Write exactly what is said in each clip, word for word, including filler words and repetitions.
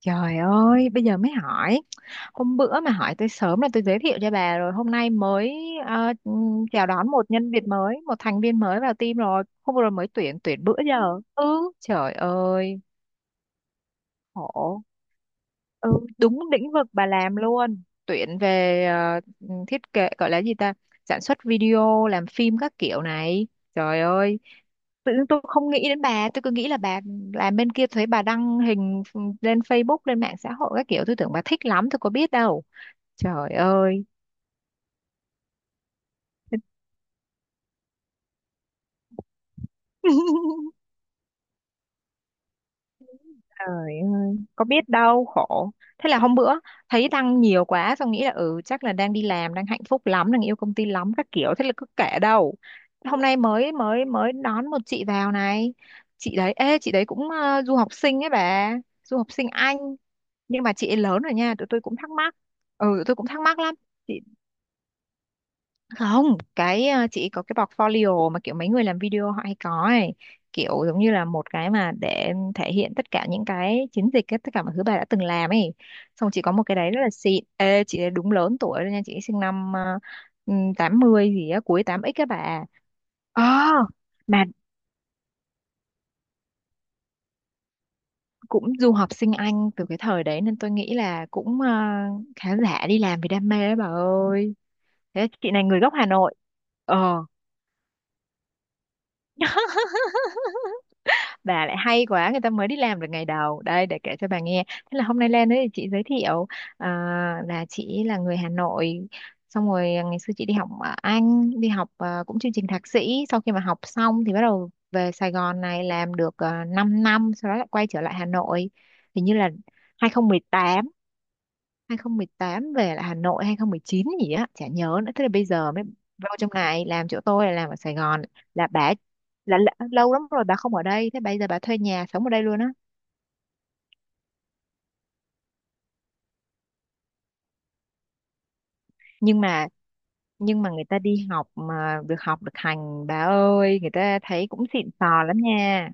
Trời ơi, bây giờ mới hỏi. Hôm bữa mà hỏi tôi sớm là tôi giới thiệu cho bà rồi. Hôm nay mới ờ, ừm, chào đón một nhân viên mới, một thành viên mới vào team rồi. Hôm vừa rồi mới tuyển, tuyển bữa giờ. Ừ, trời ơi, khổ. Ừ, đúng lĩnh vực bà làm luôn tuyển về ờ, thiết kế gọi là gì ta, sản xuất video làm phim các kiểu này. Trời ơi, tự nhiên tôi không nghĩ đến bà, tôi cứ nghĩ là bà làm bên kia, thấy bà đăng hình lên Facebook, lên mạng xã hội các kiểu, tôi tưởng bà thích lắm, tôi có biết đâu. Trời ơi. Trời ơi, có biết đâu, khổ. Thế là hôm bữa thấy đăng nhiều quá, xong nghĩ là ừ chắc là đang đi làm, đang hạnh phúc lắm, đang yêu công ty lắm các kiểu, thế là cứ kể đâu. Hôm nay mới mới mới đón một chị vào này. Chị đấy, ê chị đấy cũng ờ, du học sinh ấy bà, du học sinh Anh, nhưng mà chị ấy lớn rồi nha, tụi tôi cũng thắc mắc. Ừ, tụi tôi cũng thắc mắc lắm. Chị không, cái ờ, chị có cái portfolio mà kiểu mấy người làm video họ hay có ấy, kiểu giống như là một cái mà để thể hiện tất cả những cái chiến dịch ấy, tất cả mọi thứ bà đã từng làm ấy, xong chị có một cái đấy rất là xịn. Ê, chị đúng lớn tuổi rồi nha, chị sinh năm ờ, ừm, tám mươi gì á, cuối tám x các bà. Ờ, mà cũng du học sinh Anh từ cái thời đấy nên tôi nghĩ là cũng ờ, khá giả, đi làm vì đam mê đấy bà ơi. Thế chị này người gốc Hà Nội. Ờ. Bà lại hay quá, người ta mới đi làm được ngày đầu đây để kể cho bà nghe. Thế là hôm nay lên đấy thì chị giới thiệu à, là chị là người Hà Nội, xong rồi à, ngày xưa chị đi học ở Anh, đi học à, cũng chương trình thạc sĩ. Sau khi mà học xong thì bắt đầu về Sài Gòn này làm được uh, 5 năm, sau đó lại quay trở lại Hà Nội, hình như là hai không một tám, hai không một tám về lại Hà Nội, hai không một chín gì á chả nhớ nữa, thế là bây giờ mới vô trong này làm, chỗ tôi là làm ở Sài Gòn. Là bà là, là lâu lắm rồi bà không ở đây, thế bây giờ bà thuê nhà sống ở đây luôn á? Nhưng mà nhưng mà người ta đi học mà được học được hành bà ơi, người ta thấy cũng xịn sò lắm nha.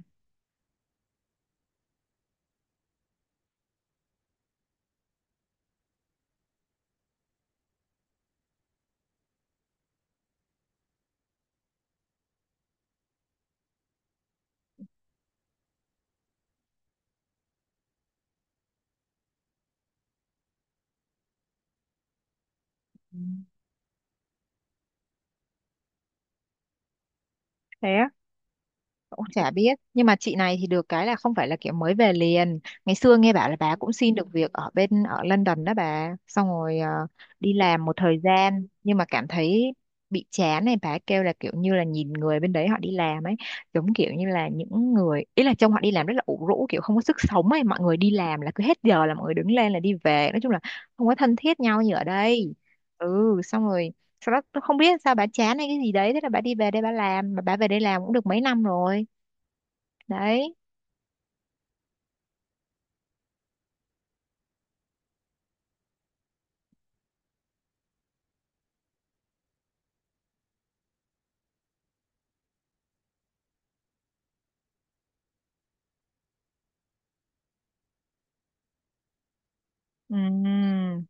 Ừ, thế á. Cũng chả biết, nhưng mà chị này thì được cái là không phải là kiểu mới về liền, ngày xưa nghe bảo là bà cũng xin được việc ở bên ở London đó bà, xong rồi ờ, đi làm một thời gian nhưng mà cảm thấy bị chán này, bà kêu là kiểu như là nhìn người bên đấy họ đi làm ấy, giống kiểu như là những người ý là trông họ đi làm rất là ủ rũ, kiểu không có sức sống ấy, mọi người đi làm là cứ hết giờ là mọi người đứng lên là đi về, nói chung là không có thân thiết nhau như ở đây. Ừ, xong rồi sau đó tôi không biết sao bà chán hay cái gì đấy, thế là bà đi về đây bà làm, mà bà về đây làm cũng được mấy năm rồi đấy. Ừm,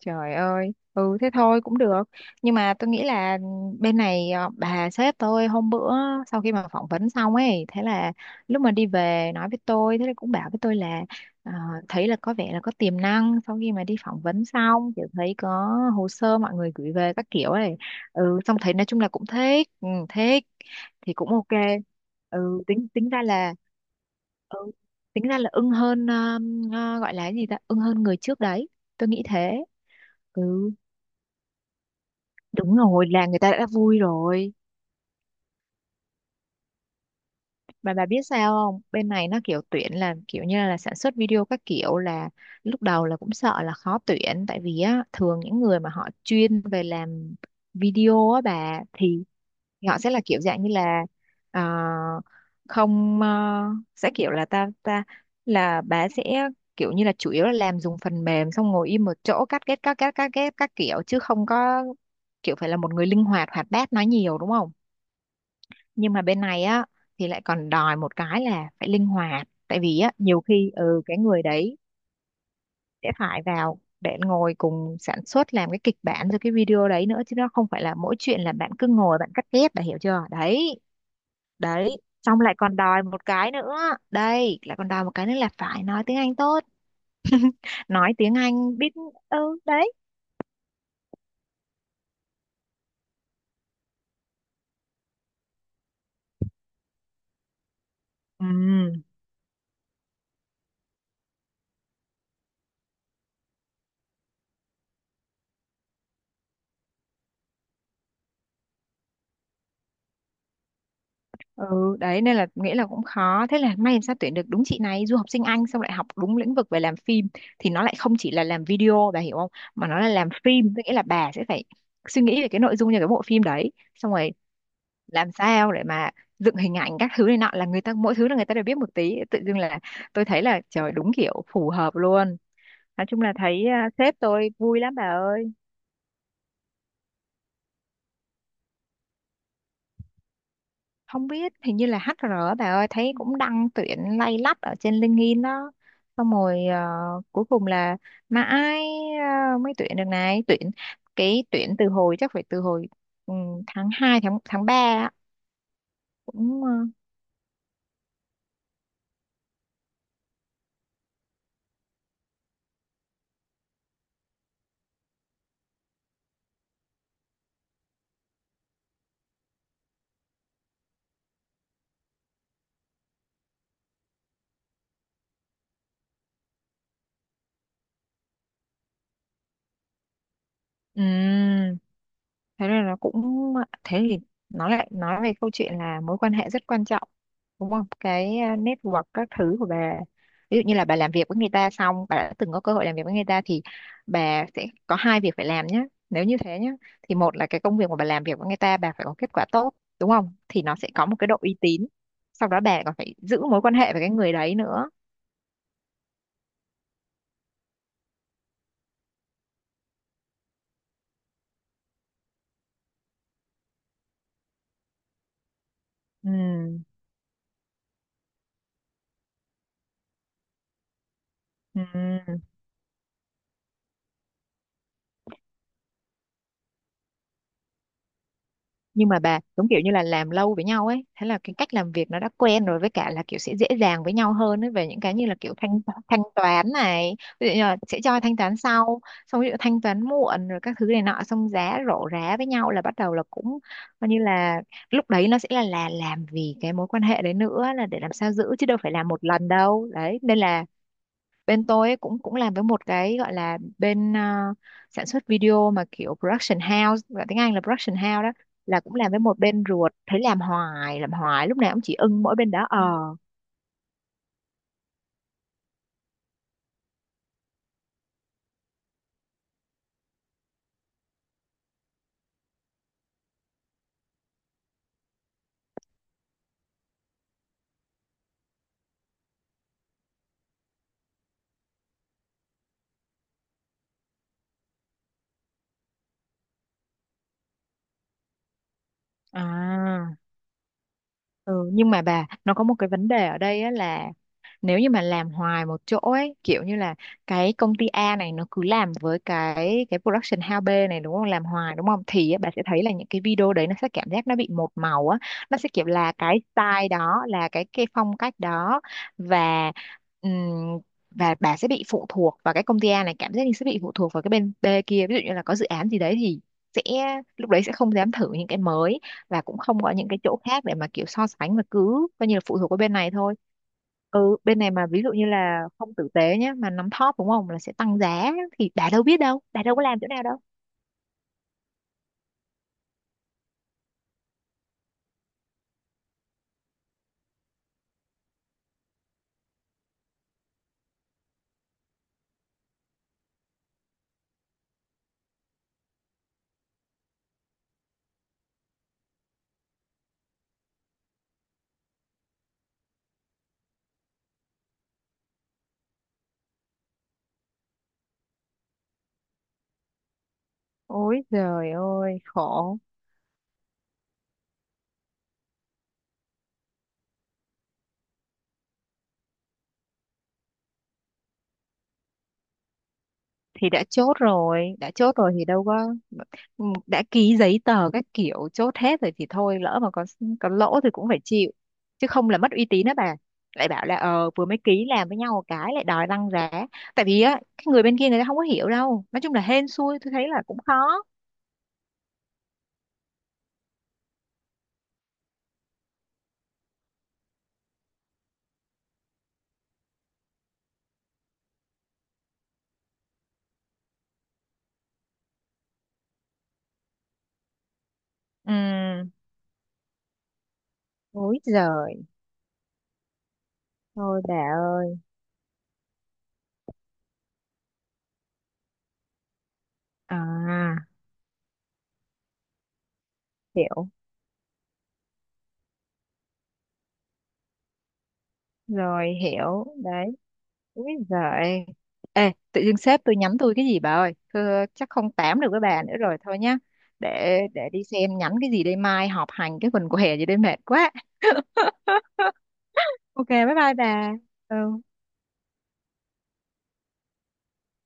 Trời ơi, ừ thế thôi cũng được. Nhưng mà tôi nghĩ là bên này ờ, bà sếp tôi hôm bữa sau khi mà phỏng vấn xong ấy, thế là lúc mà đi về nói với tôi, thế là cũng bảo với tôi là ờ, thấy là có vẻ là có tiềm năng, sau khi mà đi phỏng vấn xong, kiểu thấy có hồ sơ mọi người gửi về các kiểu ấy. Ừ, xong thấy nói chung là cũng thích, ừ, thích thì cũng ok. Ừ, tính tính ra là, ừ, tính ra là ưng hơn ờ, ờ, gọi là cái gì ta, ưng hơn người trước đấy. Tôi nghĩ thế. Ừ, đúng rồi, là người ta đã vui rồi. Mà bà biết sao không? Bên này nó kiểu tuyển là kiểu như là sản xuất video các kiểu, là lúc đầu là cũng sợ là khó tuyển, tại vì á thường những người mà họ chuyên về làm video á bà, thì họ sẽ là kiểu dạng như là ờ, không ờ, sẽ kiểu là ta ta là bà sẽ kiểu như là chủ yếu là làm dùng phần mềm xong ngồi im một chỗ cắt ghép cắt ghép cắt ghép các kiểu, chứ không có kiểu phải là một người linh hoạt hoạt bát nói nhiều, đúng không? Nhưng mà bên này á thì lại còn đòi một cái là phải linh hoạt, tại vì á nhiều khi ừ cái người đấy sẽ phải vào để ngồi cùng sản xuất làm cái kịch bản rồi cái video đấy nữa, chứ nó không phải là mỗi chuyện là bạn cứ ngồi bạn cắt ghép, là hiểu chưa đấy. Đấy xong lại còn đòi một cái nữa, đây lại còn đòi một cái nữa là phải nói tiếng Anh tốt, nói tiếng Anh biết. Ừ đấy. Ừ. Ừ, đấy nên là nghĩa là cũng khó. Thế là may làm sao tuyển được đúng chị này du học sinh Anh, xong lại học đúng lĩnh vực về làm phim, thì nó lại không chỉ là làm video bà hiểu không, mà nó là làm phim, tức nghĩa là bà sẽ phải suy nghĩ về cái nội dung cho cái bộ phim đấy, xong rồi làm sao để mà dựng hình ảnh các thứ này nọ, là người ta mỗi thứ là người ta đều biết một tí, tự dưng là tôi thấy là trời đúng kiểu phù hợp luôn. Nói chung là thấy à, sếp tôi vui lắm bà ơi. Không biết hình như là hát e rờ á bà ơi, thấy cũng đăng tuyển lay lắt ở trên LinkedIn đó, xong rồi ờ, cuối cùng là mà ai ờ, mới tuyển được này, tuyển cái tuyển từ hồi chắc phải từ hồi, ừ, tháng hai tháng tháng ba á. cũng ờ, ừ thế nên nó cũng, thế thì nó lại nói về câu chuyện là mối quan hệ rất quan trọng, đúng không, cái à, network các thứ của bà. Ví dụ như là bà làm việc với người ta, xong bà đã từng có cơ hội làm việc với người ta, thì bà sẽ có hai việc phải làm nhé nếu như thế nhé, thì một là cái công việc mà bà làm việc với người ta bà phải có kết quả tốt, đúng không, thì nó sẽ có một cái độ uy tín. Sau đó bà còn phải giữ mối quan hệ với cái người đấy nữa. Ừ. Ừ, nhưng mà bà giống kiểu như là làm lâu với nhau ấy, thế là cái cách làm việc nó đã quen rồi, với cả là kiểu sẽ dễ dàng với nhau hơn ấy về những cái như là kiểu thanh thanh toán này, ví dụ như là sẽ cho thanh toán sau, xong ví dụ thanh toán muộn rồi các thứ này nọ, xong giá rổ rá với nhau là bắt đầu là cũng coi như là, lúc đấy nó sẽ là là làm vì cái mối quan hệ đấy nữa, là để làm sao giữ chứ đâu phải làm một lần đâu, đấy nên là bên tôi ấy cũng cũng làm với một cái gọi là bên ờ, sản xuất video mà kiểu production house, gọi tiếng Anh là production house đó, là cũng làm với một bên ruột, thấy làm hoài làm hoài lúc nào cũng chỉ ưng mỗi bên đó. Ờ. À. Ừ, nhưng mà bà nó có một cái vấn đề ở đây á, là nếu như mà làm hoài một chỗ ấy kiểu như là cái công ty A này nó cứ làm với cái cái production house B này đúng không, làm hoài đúng không, thì á, bà sẽ thấy là những cái video đấy nó sẽ cảm giác nó bị một màu á, nó sẽ kiểu là cái style đó, là cái cái phong cách đó. Và, ừm, và bà sẽ bị phụ thuộc vào cái công ty A này, cảm giác như sẽ bị phụ thuộc vào cái bên B kia, ví dụ như là có dự án gì đấy thì sẽ, lúc đấy sẽ không dám thử những cái mới, và cũng không có những cái chỗ khác để mà kiểu so sánh, mà cứ coi như là phụ thuộc vào bên này thôi. Ừ, bên này mà ví dụ như là không tử tế nhé mà nắm thóp đúng không là sẽ tăng giá, thì đã đâu biết đâu, đã đâu có làm chỗ nào đâu. Ôi trời ơi khổ. Thì đã chốt rồi đã chốt rồi thì đâu có, ừ, đã ký giấy tờ các kiểu chốt hết rồi thì thôi, lỡ mà có có lỗ thì cũng phải chịu, chứ không là mất uy tín đó bà. Lại bảo là ờ vừa mới ký làm với nhau một cái lại đòi tăng giá. Tại vì á cái người bên kia người ta không có hiểu đâu, nói chung là hên xui, tôi thấy là cũng khó. Ừ. Ối giời. Thôi bà ơi. À, hiểu rồi hiểu đấy Úi giời. Ê, tự dưng sếp tôi nhắn tôi cái gì bà ơi. Thưa, chắc không tám được với bà nữa rồi, thôi nhá. Để để đi xem nhắn cái gì đây, mai họp hành cái quần què gì đây, mệt quá. Ok, bye bye bà. Ừ.